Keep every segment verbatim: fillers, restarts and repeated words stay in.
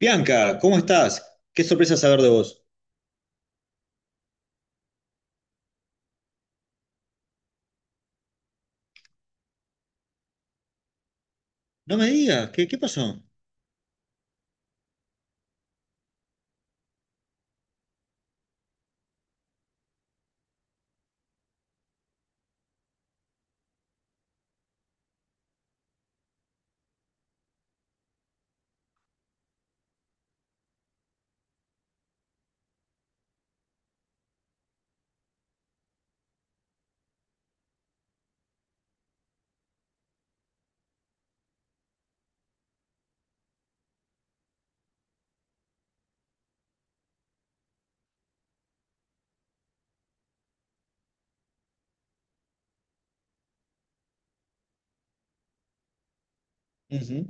Bianca, ¿cómo estás? Qué sorpresa saber de vos. No me digas, ¿qué, qué pasó? Ujú.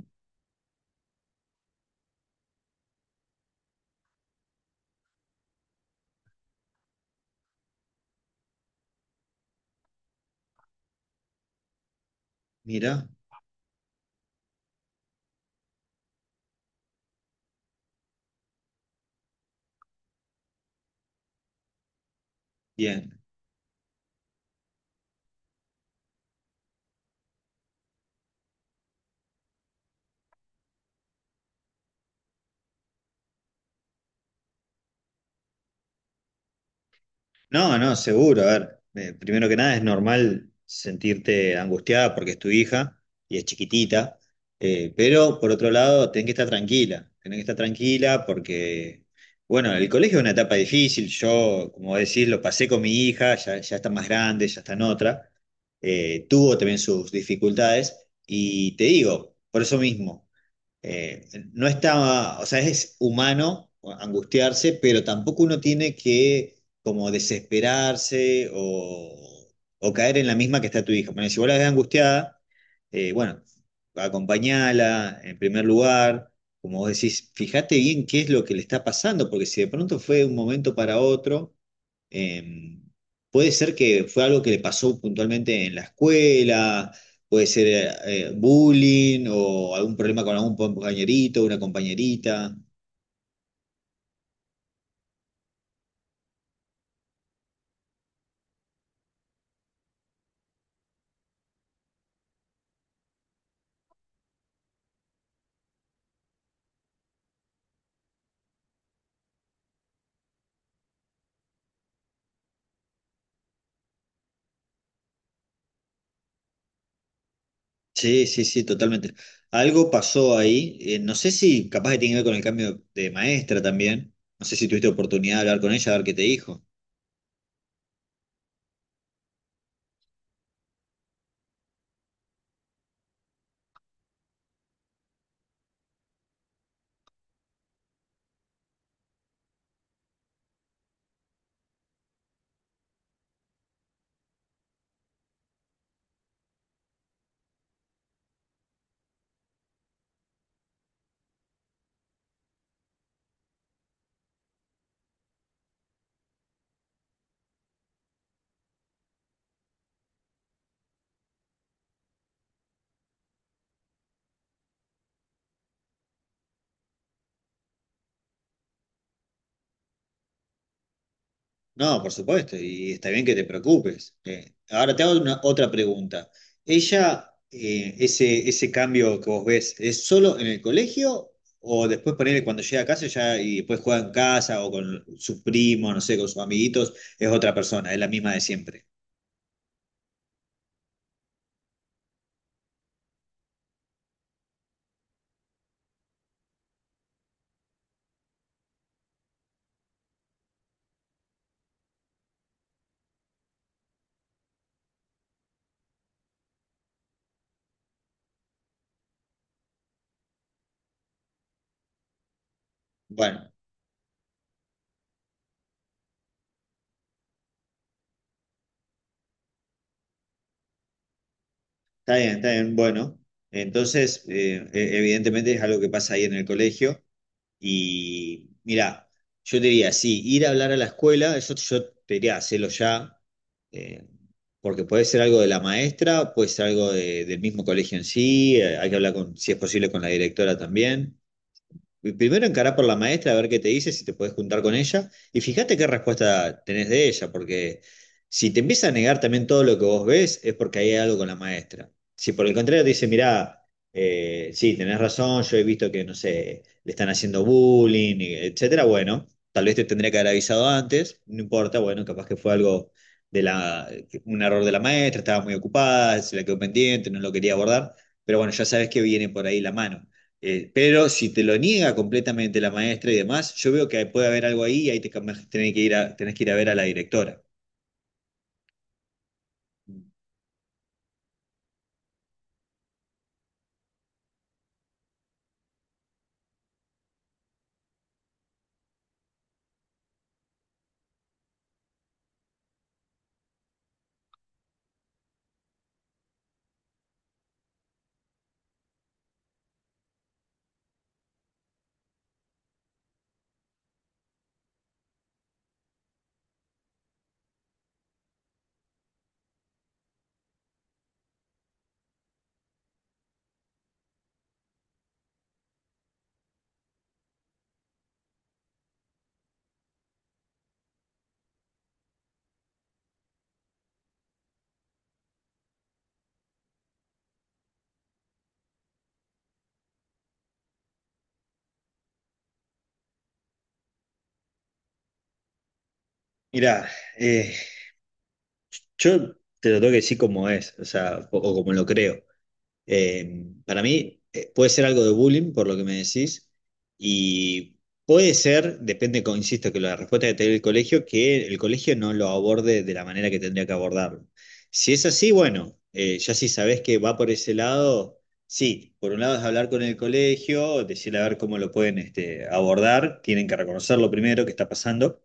Mira, bien. No, no, seguro. A ver, eh, primero que nada es normal sentirte angustiada porque es tu hija y es chiquitita, eh, pero por otro lado, tenés que estar tranquila, tenés que estar tranquila porque, bueno, el colegio es una etapa difícil. Yo, como decís, lo pasé con mi hija, ya, ya está más grande, ya está en otra. Eh, tuvo también sus dificultades y te digo, por eso mismo. eh, no está, o sea, es humano angustiarse, pero tampoco uno tiene que como desesperarse o, o caer en la misma que está tu hija. Bueno, si vos la ves angustiada, eh, bueno, acompañala en primer lugar, como vos decís, fíjate bien qué es lo que le está pasando, porque si de pronto fue de un momento para otro, eh, puede ser que fue algo que le pasó puntualmente en la escuela, puede ser eh, bullying o algún problema con algún compañerito, una compañerita. Sí, sí, sí, totalmente. Algo pasó ahí. Eh, no sé si capaz que tiene que ver con el cambio de maestra también. No sé si tuviste oportunidad de hablar con ella, a ver qué te dijo. No, por supuesto, y está bien que te preocupes. Eh, ahora te hago una, otra pregunta. ¿Ella, eh, ese, ese cambio que vos ves, es solo en el colegio o después ponele cuando llega a casa ya y después juega en casa o con sus primos, no sé, con sus amiguitos, es otra persona, es la misma de siempre? Bueno, está bien, está bien, bueno. Entonces, eh, e- evidentemente es algo que pasa ahí en el colegio. Y mira, yo te diría, sí, ir a hablar a la escuela, eso yo te diría, hacelo ya, eh, porque puede ser algo de la maestra, puede ser algo de- del mismo colegio en sí, eh, hay que hablar con, si es posible, con la directora también. Primero encará por la maestra a ver qué te dice, si te puedes juntar con ella, y fíjate qué respuesta tenés de ella, porque si te empieza a negar también todo lo que vos ves, es porque hay algo con la maestra. Si por el contrario te dice, mirá, eh, sí, tenés razón, yo he visto que, no sé, le están haciendo bullying, y etcétera, bueno, tal vez te tendría que haber avisado antes, no importa, bueno, capaz que fue algo de la, un error de la maestra, estaba muy ocupada, se la quedó pendiente, no lo quería abordar, pero bueno, ya sabes que viene por ahí la mano. Eh, pero si te lo niega completamente la maestra y demás, yo veo que puede haber algo ahí y ahí te cam- tenés que ir a, tenés que ir a ver a la directora. Mirá, eh, yo te lo tengo que decir como es, o sea, o, o como lo creo. Eh, para mí eh, puede ser algo de bullying, por lo que me decís, y puede ser, depende, con- insisto, que la respuesta que te dé el colegio, que el colegio no lo aborde de la manera que tendría que abordarlo. Si es así, bueno, eh, ya si sabés que va por ese lado, sí, por un lado es hablar con el colegio, decirle a ver cómo lo pueden este, abordar, tienen que reconocerlo primero, que está pasando.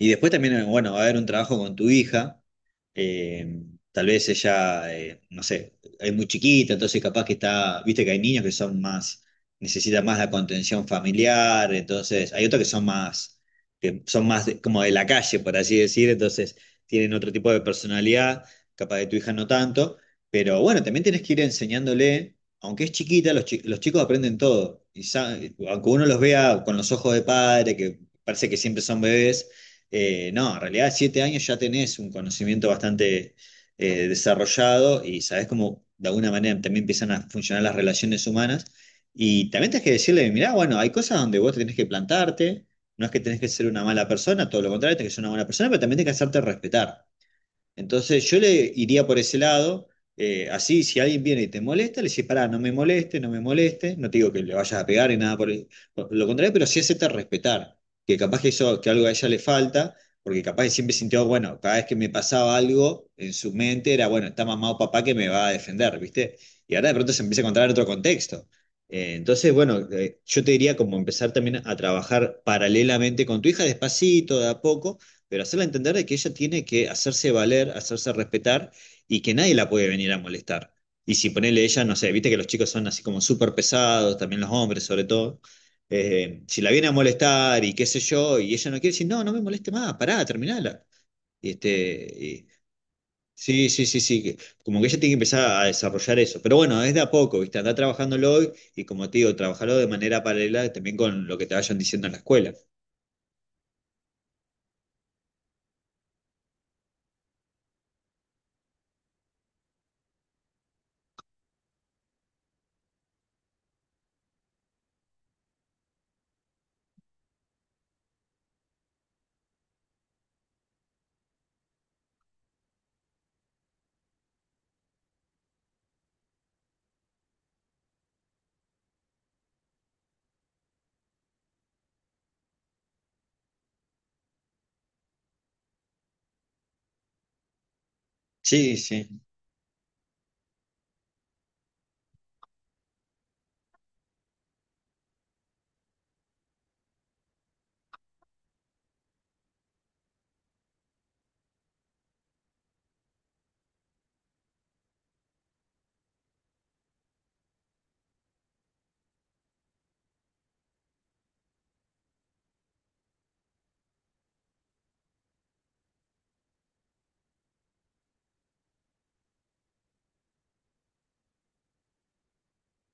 Y después también, bueno, va a haber un trabajo con tu hija. eh, tal vez ella, eh, no sé, es muy chiquita, entonces capaz que está, viste que hay niños que son más, necesitan más la contención familiar, entonces hay otros que son más, que son más de- como de la calle, por así decir, entonces tienen otro tipo de personalidad, capaz de tu hija no tanto, pero bueno, también tenés que ir enseñándole, aunque es chiquita, los, chi- los chicos aprenden todo, y sa- aunque uno los vea con los ojos de padre, que parece que siempre son bebés, eh, no, en realidad siete años ya tenés un conocimiento bastante eh, desarrollado y sabés cómo de alguna manera también empiezan a funcionar las relaciones humanas. Y también tenés que decirle, mirá, bueno, hay cosas donde vos tenés que plantarte, no es que tenés que ser una mala persona, todo lo contrario, tenés que ser una buena persona, pero también tenés que hacerte respetar. Entonces yo le iría por ese lado, eh, así si alguien viene y te molesta, le decís, pará, no me moleste, no me moleste, no te digo que le vayas a pegar ni nada por, el- por lo contrario, pero sí hacerte respetar, que capaz que eso, que algo a ella le falta, porque capaz que siempre sintió, bueno, cada vez que me pasaba algo en su mente era, bueno, está mamá o papá que me va a defender, ¿viste? Y ahora de pronto se empieza a encontrar en otro contexto. Eh, entonces, bueno, eh, yo te diría como empezar también a trabajar paralelamente con tu hija, despacito, de a poco pero hacerla entender de que ella tiene que hacerse valer, hacerse respetar y que nadie la puede venir a molestar. Y si ponerle ella, no sé, viste que los chicos son así como súper pesados, también los hombres sobre todo. Eh, si la viene a molestar y qué sé yo, y ella no quiere decir, no, no me moleste más, pará, terminala. Y este, y- sí, sí, sí, sí, que- como que ella tiene que empezar a desarrollar eso. Pero bueno, es de a poco, viste, anda trabajándolo hoy y como te digo, trabajarlo de manera paralela también con lo que te vayan diciendo en la escuela. Sí, sí.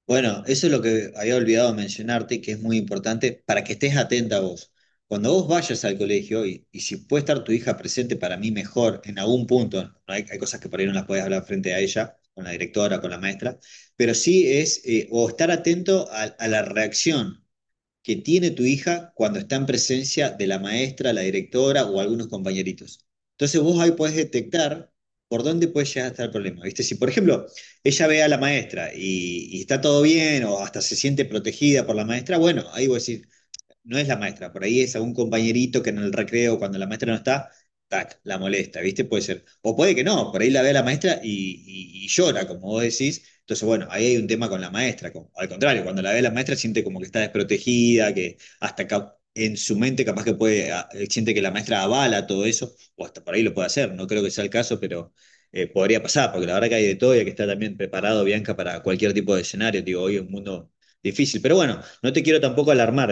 Bueno, eso es lo que había olvidado mencionarte, que es muy importante para que estés atenta vos. Cuando vos vayas al colegio, y, y si puede estar tu hija presente para mí mejor en algún punto, ¿no? hay, hay cosas que por ahí no las puedes hablar frente a ella, con la directora, con la maestra, pero sí es, eh, o estar atento a, a la reacción que tiene tu hija cuando está en presencia de la maestra, la directora o algunos compañeritos. Entonces vos ahí podés detectar por dónde puede llegar a estar el problema. ¿Viste? Si, por ejemplo, ella ve a la maestra y, y está todo bien o hasta se siente protegida por la maestra, bueno, ahí vos decís, no es la maestra, por ahí es algún compañerito que en el recreo, cuando la maestra no está, tac, la molesta, ¿viste? Puede ser. O puede que no, por ahí la ve a la maestra y, y- y llora, como vos decís. Entonces, bueno, ahí hay un tema con la maestra. Con- al contrario, cuando la ve a la maestra siente como que está desprotegida, que hasta cap- en su mente capaz que puede, a- siente que la maestra avala todo eso, o hasta por ahí lo puede hacer, no creo que sea el caso, pero eh, podría pasar, porque la verdad que hay de todo y hay que estar también preparado, Bianca, para cualquier tipo de escenario. Digo, hoy es un mundo difícil. Pero bueno, no te quiero tampoco alarmar.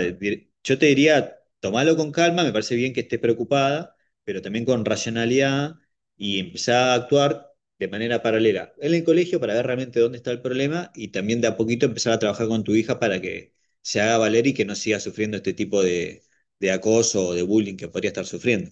Yo te diría, tomalo con calma, me parece bien que estés preocupada, pero también con racionalidad y empezar a actuar de manera paralela en el colegio para ver realmente dónde está el problema y también de a poquito empezar a trabajar con tu hija para que se haga valer y que no siga sufriendo este tipo de, de acoso o de bullying que podría estar sufriendo.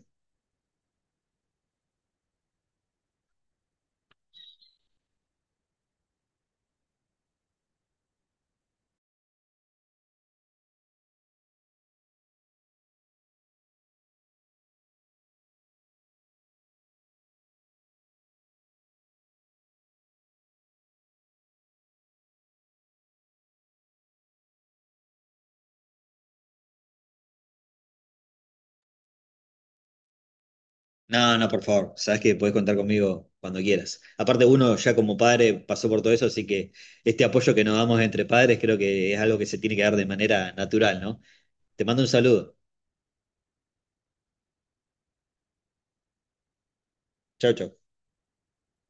No, no, por favor. Sabes que podés contar conmigo cuando quieras. Aparte, uno ya como padre pasó por todo eso, así que este apoyo que nos damos entre padres creo que es algo que se tiene que dar de manera natural, ¿no? Te mando un saludo. Chau, chau.